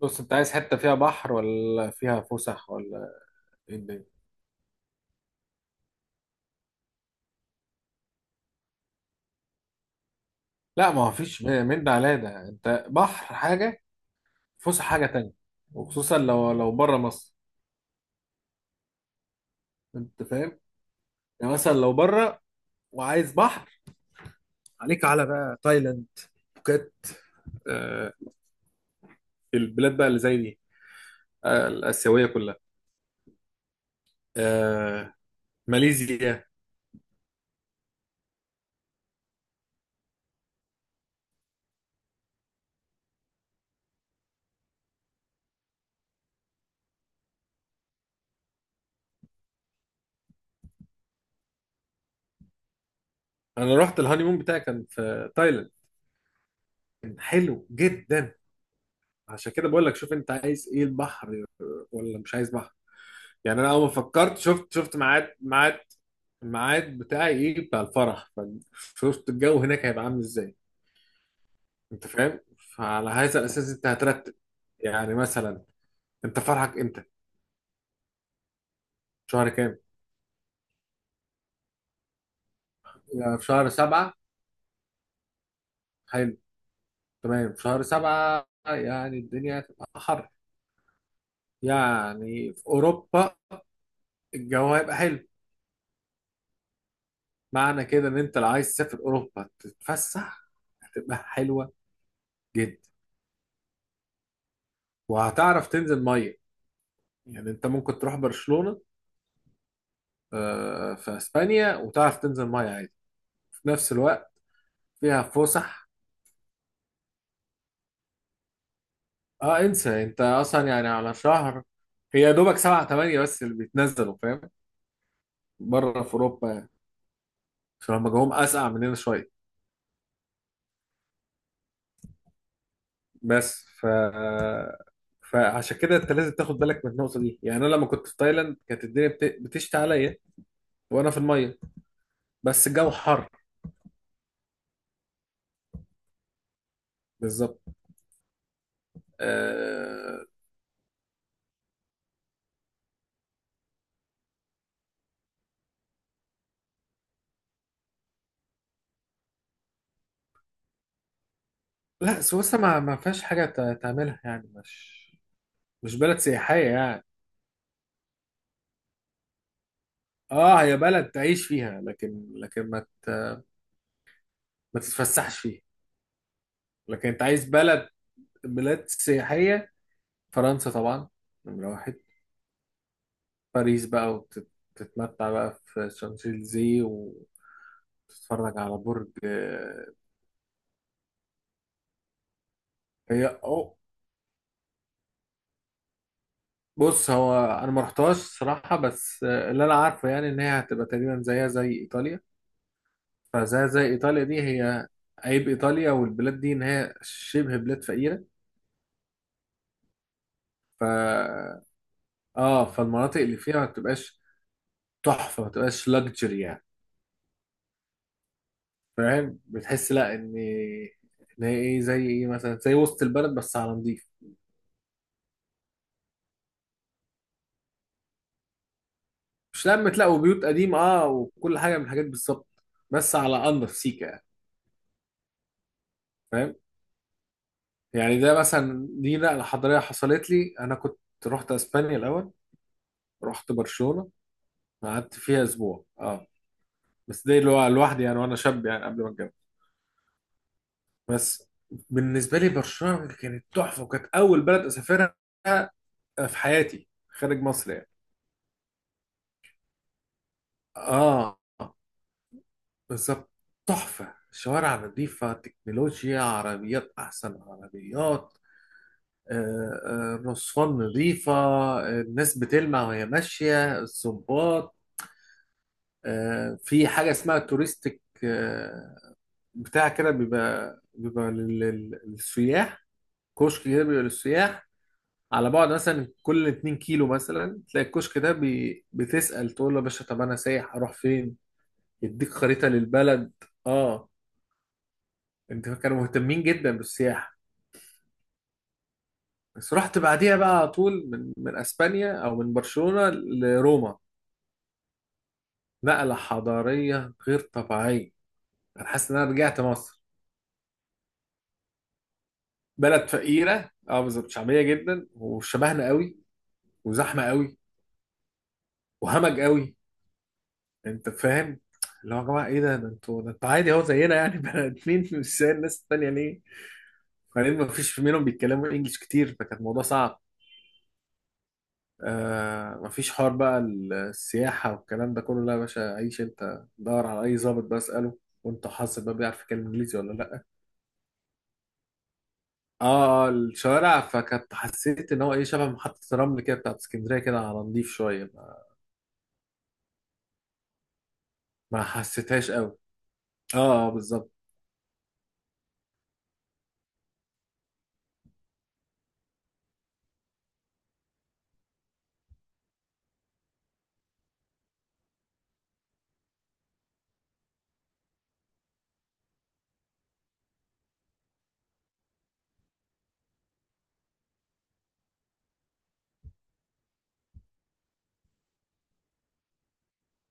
بص، انت عايز حته فيها بحر ولا فيها فسح، ولا ايه الدنيا؟ لا، ما هو فيش من ده على ده، انت بحر حاجه، فسح حاجه تانية. وخصوصا لو بره مصر. انت فاهم؟ يعني مثلا لو بره وعايز بحر، عليك على بقى تايلاند، بوكيت. آه البلاد بقى اللي زي دي، الاسيويه كلها، آه ماليزيا. انا رحت الهانيمون بتاعي، كان في تايلاند. كان حلو جدا. عشان كده بقول لك، شوف انت عايز ايه، البحر ولا مش عايز بحر. يعني انا اول ما فكرت، شفت ميعاد الميعاد بتاعي ايه، بتاع الفرح. فشفت الجو هناك هيبقى عامل ازاي. انت فاهم؟ فعلى هذا الاساس انت هترتب. يعني مثلا، انت فرحك امتى؟ شهر كام؟ يعني في شهر سبعة. حلو. تمام، في شهر سبعة يعني الدنيا هتبقى حر. يعني في اوروبا الجو هيبقى حلو. معنى كده ان انت لو عايز تسافر اوروبا تتفسح، هتبقى حلوة جدا، وهتعرف تنزل مية. يعني انت ممكن تروح برشلونة، في اسبانيا، وتعرف تنزل ميه عادي، في نفس الوقت فيها فسح. اه، انسى انت اصلا، يعني على شهر، هي يا دوبك سبعة تمانية بس اللي بيتنزلوا فاهم، بره في اوروبا يعني، عشان هم جوهم اسقع مننا شويه. بس. فعشان كده انت لازم تاخد بالك من النقطه دي. يعني انا لما كنت في تايلاند كانت الدنيا بتشتي عليا وانا في الميه، بس الجو حر. بالظبط. آه... لا سويسرا ما فيهاش حاجه تعملها، يعني مش. مش بلد سياحيه يعني. اه، هي بلد تعيش فيها، لكن ما تتفسحش فيها. لكن انت عايز بلد، بلاد سياحية، فرنسا طبعا، نمرة واحد. باريس بقى، وتتمتع بقى في شانزليزيه، وتتفرج على برج. هي أو بص، هو انا ما رحتهاش صراحة، بس اللي انا عارفه يعني ان هي هتبقى تقريبا زيها زي ايطاليا. فزيها زي ايطاليا دي، هي، عيب ايطاليا والبلاد دي ان هي شبه بلاد فقيرة. ف اه فالمناطق اللي فيها ما بتبقاش تحفه، ما تبقاش لاكجري يعني. فاهم؟ بتحس لا، ان هي ايه، زي ايه مثلا، زي وسط البلد بس على نضيف. مش لما تلاقوا بيوت قديمه، اه، وكل حاجه من الحاجات بالظبط، بس على انضف سيكه يعني. فاهم؟ يعني ده مثلا، دي نقله حضاريه حصلت لي. انا كنت رحت اسبانيا الاول، رحت برشلونه، قعدت فيها اسبوع، اه. بس ده اللي هو لوحدي يعني، وانا شاب يعني قبل ما اتجوز. بس بالنسبه لي برشلونه كانت تحفه، وكانت اول بلد اسافرها في حياتي خارج مصر يعني. اه، بالظبط. تحفة، شوارع نظيفة، تكنولوجيا، عربيات أحسن عربيات، الرصفان نظيفة، الناس بتلمع وهي ماشية الصباط. في حاجة اسمها توريستيك، بتاع كده، بيبقى للسياح. كشك كده بيبقى للسياح، على بعد مثلا كل 2 كيلو مثلا تلاقي الكشك ده، بتسأل تقول له يا باشا، طب أنا سايح أروح فين؟ يديك خريطة للبلد. اه، انت، كانوا مهتمين جدا بالسياحة. بس رحت بعديها بقى على طول، من اسبانيا او من برشلونة لروما. نقلة حضارية غير طبيعية. انا حاسس ان انا رجعت مصر، بلد فقيرة، اه بالظبط، شعبية جدا وشبهنا قوي، وزحمة قوي، وهمج قوي. انت فاهم؟ اللي هو يا جماعة، ايه ده انتوا، ده انتوا عادي اهو زينا يعني، بني ادمين مش زي الناس التانية ليه؟ وبعدين ما فيش منهم بيتكلموا انجلش كتير، فكان الموضوع صعب. مفيش حوار بقى، السياحة والكلام ده كله لا، يا باشا عيش، انت دور على أي ظابط بقى اسأله، وانت حاسس بقى بيعرف يتكلم إنجليزي ولا لأ. اه الشوارع، فكنت حسيت إن هو إيه، شبه محطة الرمل كده بتاعت اسكندرية، كده على نضيف شوية ما. ما حسيتهاش قوي. اه، بالظبط.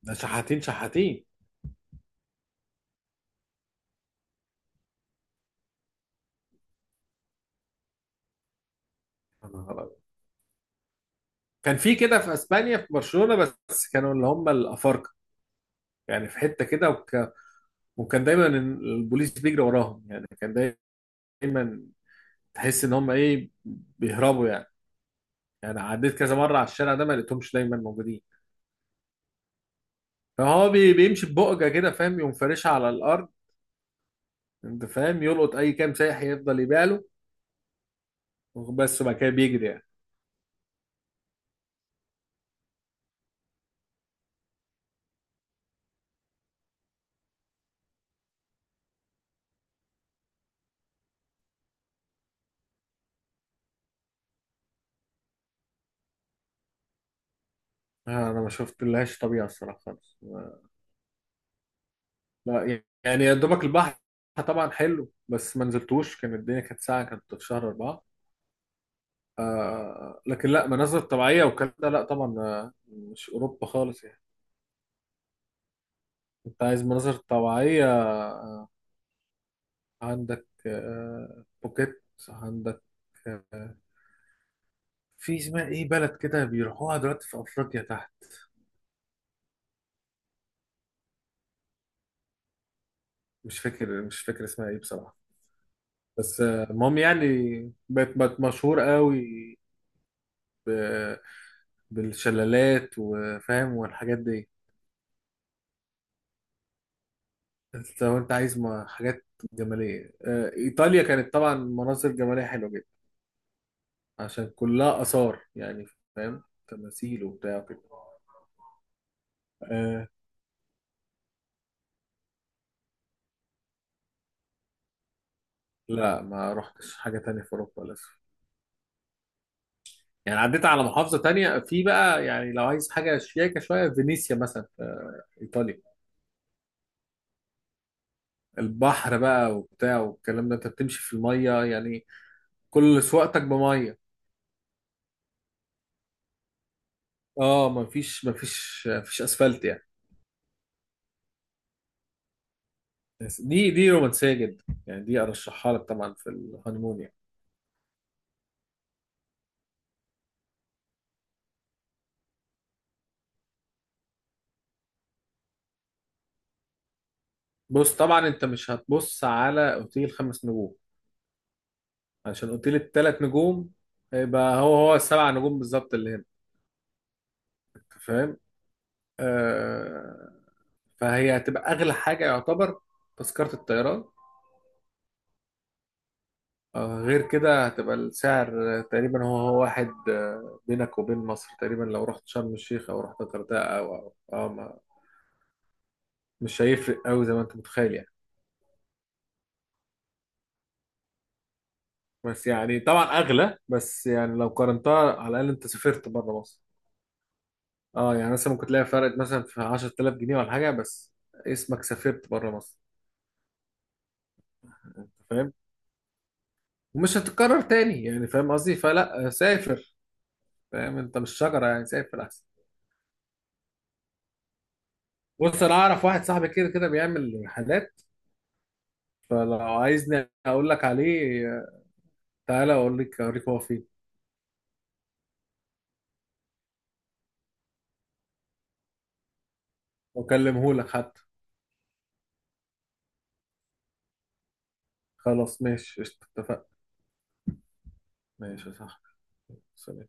ده شحاتين شحاتين. يا نهار أبيض. كان في كده في اسبانيا في برشلونة، بس كانوا اللي هم الافارقه. يعني في حته كده، وكان دايما البوليس بيجري وراهم يعني، كان دايما تحس ان هم ايه، بيهربوا يعني. يعني عديت كذا مرة على الشارع ده ما لقيتهمش دايما موجودين. فهو بيمشي ببقجة كده فاهم، يقوم فارشها على الأرض. أنت فاهم، يلقط أي كام سايح، يفضل يبيع له بس، وبعد كده بيجري يعني. أنا ما شفت لهاش طبيعة الصراحة خالص. لا يعني يا دوبك البحر طبعا حلو، بس ما نزلتوش كان الدنيا، كانت ساعة كانت في شهر أربعة. لكن لا، مناظر طبيعية والكلام ده لا طبعا، مش أوروبا خالص يعني. أنت عايز مناظر طبيعية، عندك بوكيت، عندك آه، في، اسمها ايه، بلد كده بيروحوها دلوقتي في افريقيا تحت. مش فاكر، اسمها ايه بصراحه. بس، المهم يعني، بقت مشهور قوي ب- بالشلالات وفاهم والحاجات دي. أنت لو انت عايز حاجات جماليه، ايطاليا كانت طبعا مناظر جماليه حلوه جدا، عشان كلها اثار يعني. فاهم؟ تماثيل وبتاع كده. آه لا، ما رحتش حاجه تانية في اوروبا للاسف. يعني عديت على محافظة تانية. في بقى يعني لو عايز حاجة شياكة شوية، فينيسيا مثلا في إيطاليا. البحر بقى وبتاع والكلام ده، أنت بتمشي في المية يعني، كل سواقتك بمية. اه، مفيش أسفلت يعني. بس دي رومانسية جدا يعني، دي أرشحها لك طبعا في الهانيمون يعني. بص طبعا، أنت مش هتبص على أوتيل خمس نجوم، عشان أوتيل التلات نجوم هيبقى هو هو السبع نجوم بالظبط اللي هنا. أنت فاهم؟ آه، فهي هتبقى اغلى حاجه يعتبر، تذكره الطيران. غير كده هتبقى السعر تقريبا هو هو واحد، بينك وبين مصر تقريبا، لو رحت شرم الشيخ او رحت الغردقه او او أو ما- مش هيفرق قوي زي ما انت متخيل يعني. بس يعني طبعا اغلى، بس يعني لو قارنتها، على الاقل انت سافرت بره مصر. اه يعني مثلا ممكن تلاقي فرق مثلا في 10,000 جنيه ولا حاجه، بس اسمك سافرت بره مصر. انت فاهم، ومش هتتكرر تاني يعني، فاهم قصدي؟ فلا، سافر. فاهم؟ انت مش شجره يعني، سافر احسن. بص، انا اعرف واحد صاحبي كده كده بيعمل حاجات، فلو عايزني اقول لك عليه، تعالى اقول لك، اوريك هو فين، واكلمه لك حتى. خلاص ماشي قشطة، اتفقنا. ماشي يا صاحبي. سلام.